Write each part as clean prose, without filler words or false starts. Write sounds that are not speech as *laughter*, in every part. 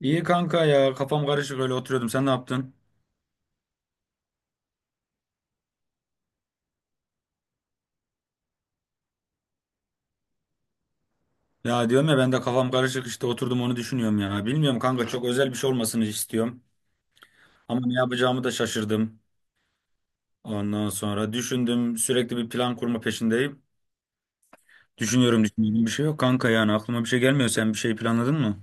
İyi kanka ya kafam karışık öyle oturuyordum sen ne yaptın? Ya diyorum ya ben de kafam karışık işte oturdum onu düşünüyorum ya. Bilmiyorum kanka çok özel bir şey olmasını istiyorum. Ama ne yapacağımı da şaşırdım. Ondan sonra düşündüm sürekli bir plan kurma peşindeyim. Düşünüyorum düşünüyorum bir şey yok kanka yani aklıma bir şey gelmiyor sen bir şey planladın mı?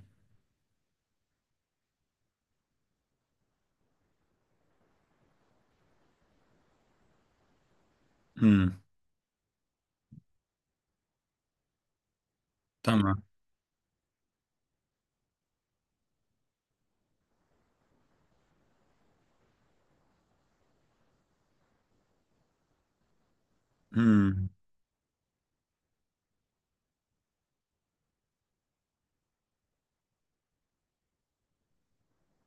Hmm, tamam. Hmm.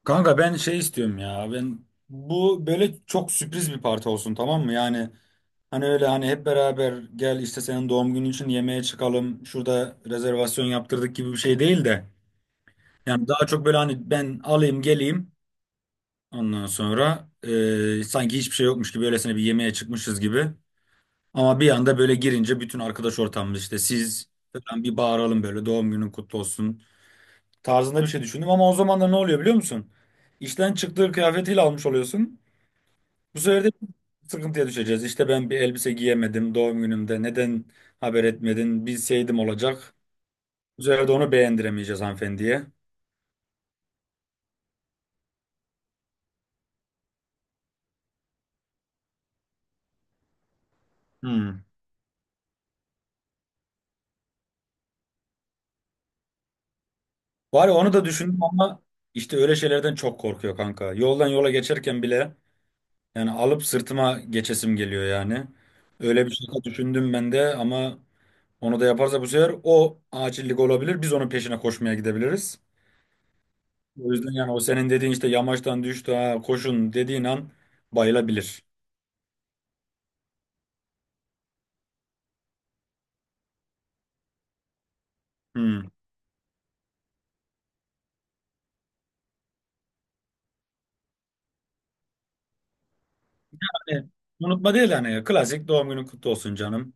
Kanka ben şey istiyorum ya. Ben bu böyle çok sürpriz bir parti olsun tamam mı? Yani hani öyle hani hep beraber gel işte senin doğum günün için yemeğe çıkalım. Şurada rezervasyon yaptırdık gibi bir şey değil de. Yani daha çok böyle hani ben alayım geleyim. Ondan sonra sanki hiçbir şey yokmuş gibi öylesine bir yemeğe çıkmışız gibi. Ama bir anda böyle girince bütün arkadaş ortamımız işte siz falan bir bağıralım böyle doğum günün kutlu olsun tarzında bir şey düşündüm ama o zaman da ne oluyor biliyor musun? İşten çıktığı kıyafetiyle almış oluyorsun. Bu sefer de sıkıntıya düşeceğiz. İşte ben bir elbise giyemedim doğum günümde. Neden haber etmedin? Bilseydim olacak. Bu sefer de onu beğendiremeyeceğiz hanımefendiye. Hmm. Var ya onu da düşündüm ama işte öyle şeylerden çok korkuyor kanka. Yoldan yola geçerken bile yani alıp sırtıma geçesim geliyor yani. Öyle bir şey düşündüm ben de ama onu da yaparsa bu sefer o acillik olabilir. Biz onun peşine koşmaya gidebiliriz. O yüzden yani o senin dediğin işte yamaçtan düştü ha koşun dediğin an bayılabilir. Hmm. Hani unutma değil hani klasik doğum günün kutlu olsun canım.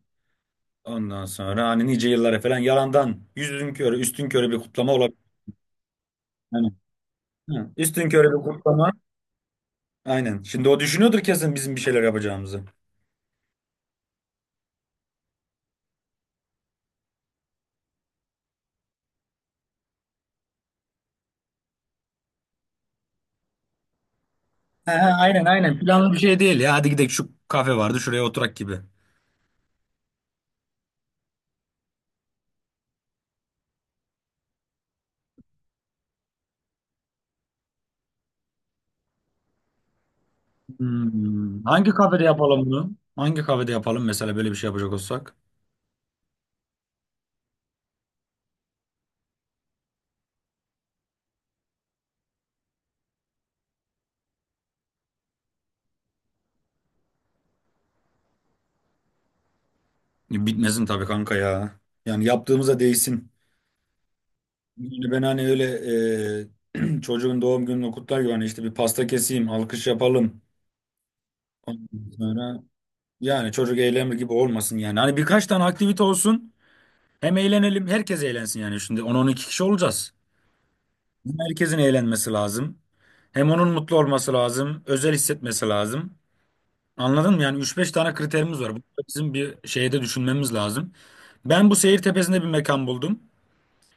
Ondan sonra hani nice yıllara falan yalandan yüzün körü üstün körü bir kutlama olabilir. Yani, hı, üstün körü bir kutlama. Aynen. Şimdi o düşünüyordur kesin bizim bir şeyler yapacağımızı. He, he, aynen aynen planlı bir şey değil ya. Hadi gidelim şu kafe vardı şuraya oturak gibi. Hmm. Hangi kafede yapalım bunu? Hangi kafede yapalım mesela böyle bir şey yapacak olsak? Bitmesin tabii kanka ya. Yani yaptığımıza değsin. Yani ben hani öyle *clears throat* çocuğun doğum gününü kutlar gibi hani işte bir pasta keseyim, alkış yapalım. Ondan sonra yani çocuk eğlenme gibi olmasın yani. Hani birkaç tane aktivite olsun. Hem eğlenelim, herkes eğlensin yani. Şimdi on on iki kişi olacağız. Hem herkesin eğlenmesi lazım. Hem onun mutlu olması lazım, özel hissetmesi lazım. Anladın mı? Yani üç beş tane kriterimiz var. Bu da bizim bir şeyde düşünmemiz lazım. Ben bu seyir tepesinde bir mekan buldum.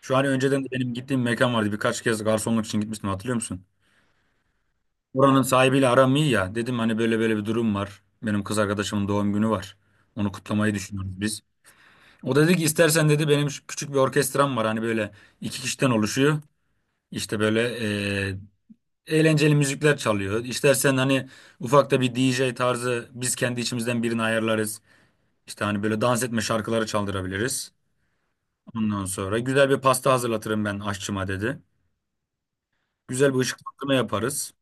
Şu hani önceden de benim gittiğim mekan vardı. Birkaç kez garsonluk için gitmiştim hatırlıyor musun? Oranın sahibiyle aram iyi ya. Dedim hani böyle böyle bir durum var. Benim kız arkadaşımın doğum günü var. Onu kutlamayı düşünüyoruz biz. O dedi ki istersen dedi benim şu küçük bir orkestram var. Hani böyle iki kişiden oluşuyor. İşte böyle eğlenceli müzikler çalıyor. İstersen hani ufak da bir DJ tarzı biz kendi içimizden birini ayarlarız. İşte hani böyle dans etme şarkıları çaldırabiliriz. Ondan sonra güzel bir pasta hazırlatırım ben aşçıma dedi. Güzel bir ışıklandırma yaparız.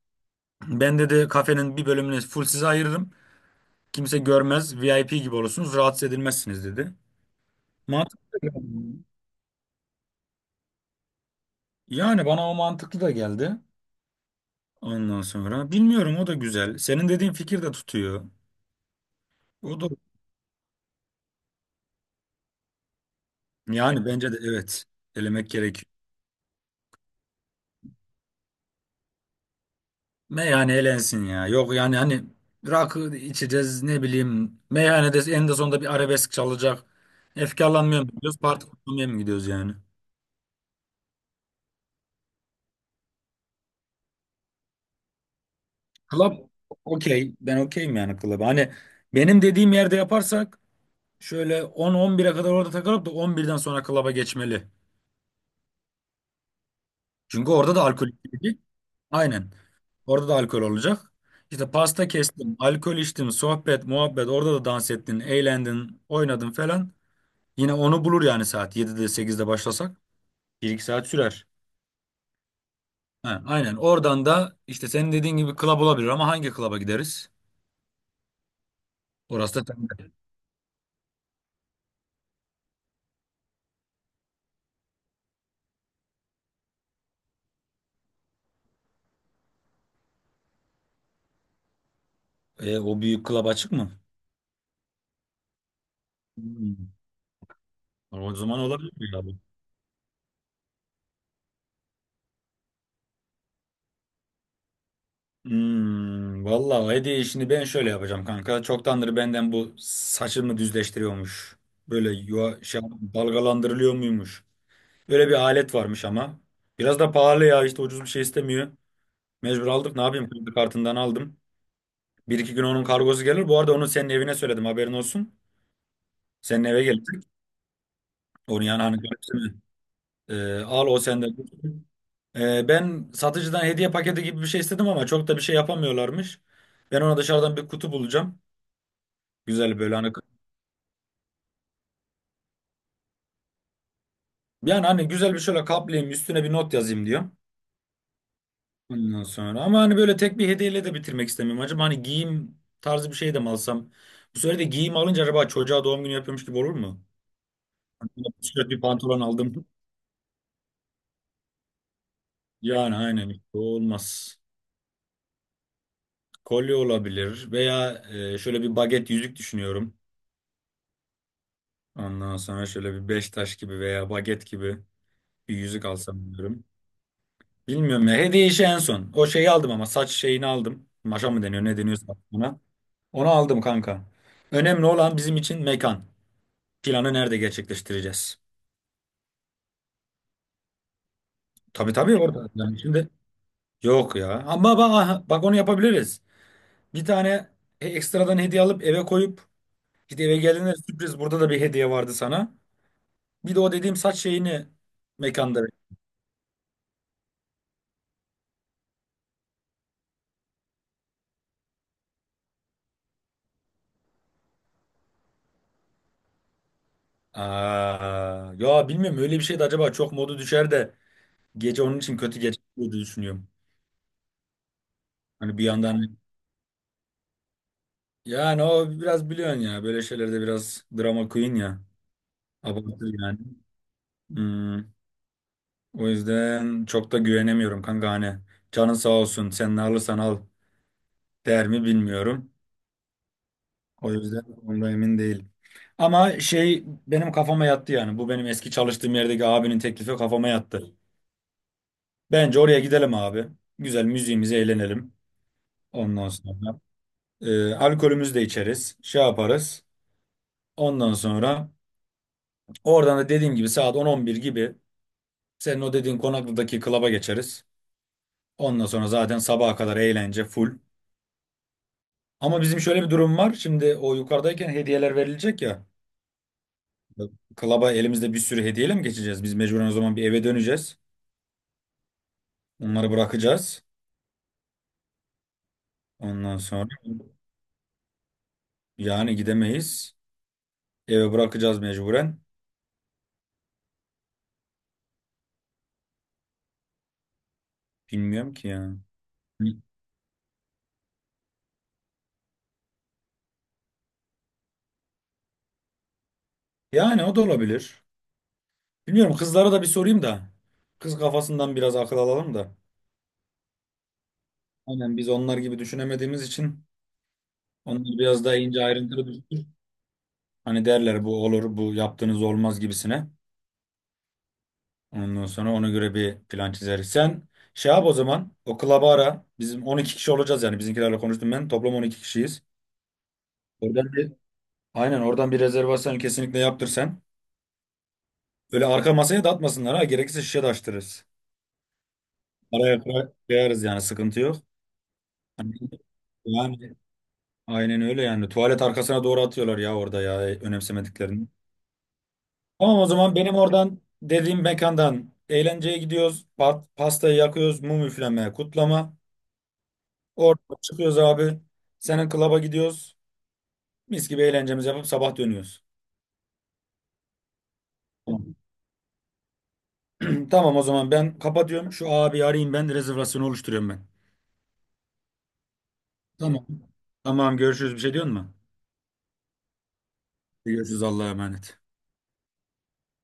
Ben dedi kafenin bir bölümünü full size ayırırım. Kimse görmez. VIP gibi olursunuz. Rahatsız edilmezsiniz dedi. Mantıklı da geldi. Yani bana o mantıklı da geldi. Ondan sonra bilmiyorum o da güzel. Senin dediğin fikir de tutuyor. O da yani bence de evet elemek gerekiyor. Meyhane elensin ya. Yok yani hani rakı içeceğiz ne bileyim. Meyhanede en de sonunda bir arabesk çalacak. Efkarlanmaya mı gidiyoruz? Parti kurmaya mı gidiyoruz yani? Club okey. Ben okeyim yani club. Hani benim dediğim yerde yaparsak şöyle 10-11'e kadar orada takılıp da 11'den sonra club'a geçmeli. Çünkü orada da alkol içildi. Aynen. Orada da alkol olacak. İşte pasta kestim, alkol içtim, sohbet, muhabbet. Orada da dans ettin, eğlendin, oynadın falan. Yine onu bulur yani saat 7'de 8'de başlasak. Bir iki saat sürer. Ha, aynen. Oradan da işte senin dediğin gibi club olabilir ama hangi club'a gideriz? Orası da sende. E, o büyük club açık mı? Hmm. O zaman olabilir mi ya bu? Vallahi hediye işini ben şöyle yapacağım kanka. Çoktandır benden bu saçımı düzleştiriyormuş. Böyle yuva, şey, dalgalandırılıyor muymuş? Böyle bir alet varmış ama. Biraz da pahalı ya işte ucuz bir şey istemiyor. Mecbur aldık ne yapayım kredi kartından aldım. Bir iki gün onun kargosu gelir. Bu arada onu senin evine söyledim haberin olsun. Senin eve gelecek. Onu yani hani al o sende dursun. Ben satıcıdan hediye paketi gibi bir şey istedim ama çok da bir şey yapamıyorlarmış. Ben ona dışarıdan bir kutu bulacağım. Güzel böyle hani. Yani hani güzel bir şöyle kaplayayım üstüne bir not yazayım diyor. Ondan sonra ama hani böyle tek bir hediyeyle de bitirmek istemiyorum. Acaba hani giyim tarzı bir şey de mi alsam? Bu sefer de giyim alınca acaba çocuğa doğum günü yapıyormuş gibi olur mu? *laughs* Hani böyle bir tişört, bir pantolon aldım. Yani aynen o olmaz. Kolye olabilir veya şöyle bir baget yüzük düşünüyorum. Ondan sonra şöyle bir beş taş gibi veya baget gibi bir yüzük alsam diyorum. Bilmiyorum ya. Hediye işi en son. O şeyi aldım ama saç şeyini aldım. Maşa mı deniyor ne deniyorsa buna. Onu aldım kanka. Önemli olan bizim için mekan. Planı nerede gerçekleştireceğiz? Tabii tabii orada. Yani şimdi yok ya. Ama bak, bak onu yapabiliriz. Bir tane ekstradan hediye alıp eve koyup işte eve geldiğinde sürpriz burada da bir hediye vardı sana. Bir de o dediğim saç şeyini mekanda. Aa, ya bilmiyorum öyle bir şey de acaba çok modu düşer de gece onun için kötü geçer diye düşünüyorum. Hani bir yandan yani o biraz biliyorsun ya böyle şeylerde biraz drama queen ya. Abartır yani. Hmm, o yüzden çok da güvenemiyorum kanka hani. Canın sağ olsun sen ne alırsan al der mi bilmiyorum. O yüzden onda emin değilim. Ama şey benim kafama yattı yani. Bu benim eski çalıştığım yerdeki abinin teklifi kafama yattı. Bence oraya gidelim abi. Güzel müziğimizi eğlenelim. Ondan sonra alkolümüzü de içeriz. Şey yaparız. Ondan sonra oradan da dediğim gibi saat 10-11 gibi senin o dediğin Konaklı'daki klaba geçeriz. Ondan sonra zaten sabaha kadar eğlence full. Ama bizim şöyle bir durum var. Şimdi o yukarıdayken hediyeler verilecek ya. Klaba elimizde bir sürü hediyeyle mi geçeceğiz? Biz mecburen o zaman bir eve döneceğiz. Onları bırakacağız. Ondan sonra yani gidemeyiz. Eve bırakacağız mecburen. Bilmiyorum ki ya. Yani o da olabilir. Bilmiyorum kızlara da bir sorayım da. Kız kafasından biraz akıl alalım da. Aynen biz onlar gibi düşünemediğimiz için onlar biraz daha ince ayrıntılı düşünür. Hani derler bu olur bu yaptığınız olmaz gibisine. Ondan sonra ona göre bir plan çizeriz. Sen şey yap o zaman o klaba ara. Bizim 12 kişi olacağız yani bizimkilerle konuştum ben. Toplam 12 kişiyiz. Oradan bir aynen oradan bir rezervasyon kesinlikle yaptır sen. Öyle arka masaya da atmasınlar ha. Gerekirse şişe de açtırırız. Araya koyarız yani sıkıntı yok. Hani- Yani aynen öyle yani. Tuvalet arkasına doğru atıyorlar ya orada ya önemsemediklerini. Tamam o zaman benim oradan dediğim mekandan eğlenceye gidiyoruz. Pastayı yakıyoruz. Mum üfleme, kutlama. Oradan çıkıyoruz abi. Senin klaba gidiyoruz. Mis gibi eğlencemizi yapıp sabah dönüyoruz. Tamam. *clears throat* Tamam o zaman ben kapatıyorum. Şu abi arayayım ben rezervasyonu oluşturuyorum ben. Tamam. Tamam görüşürüz. Bir şey diyor mu? Görüşürüz Allah'a emanet.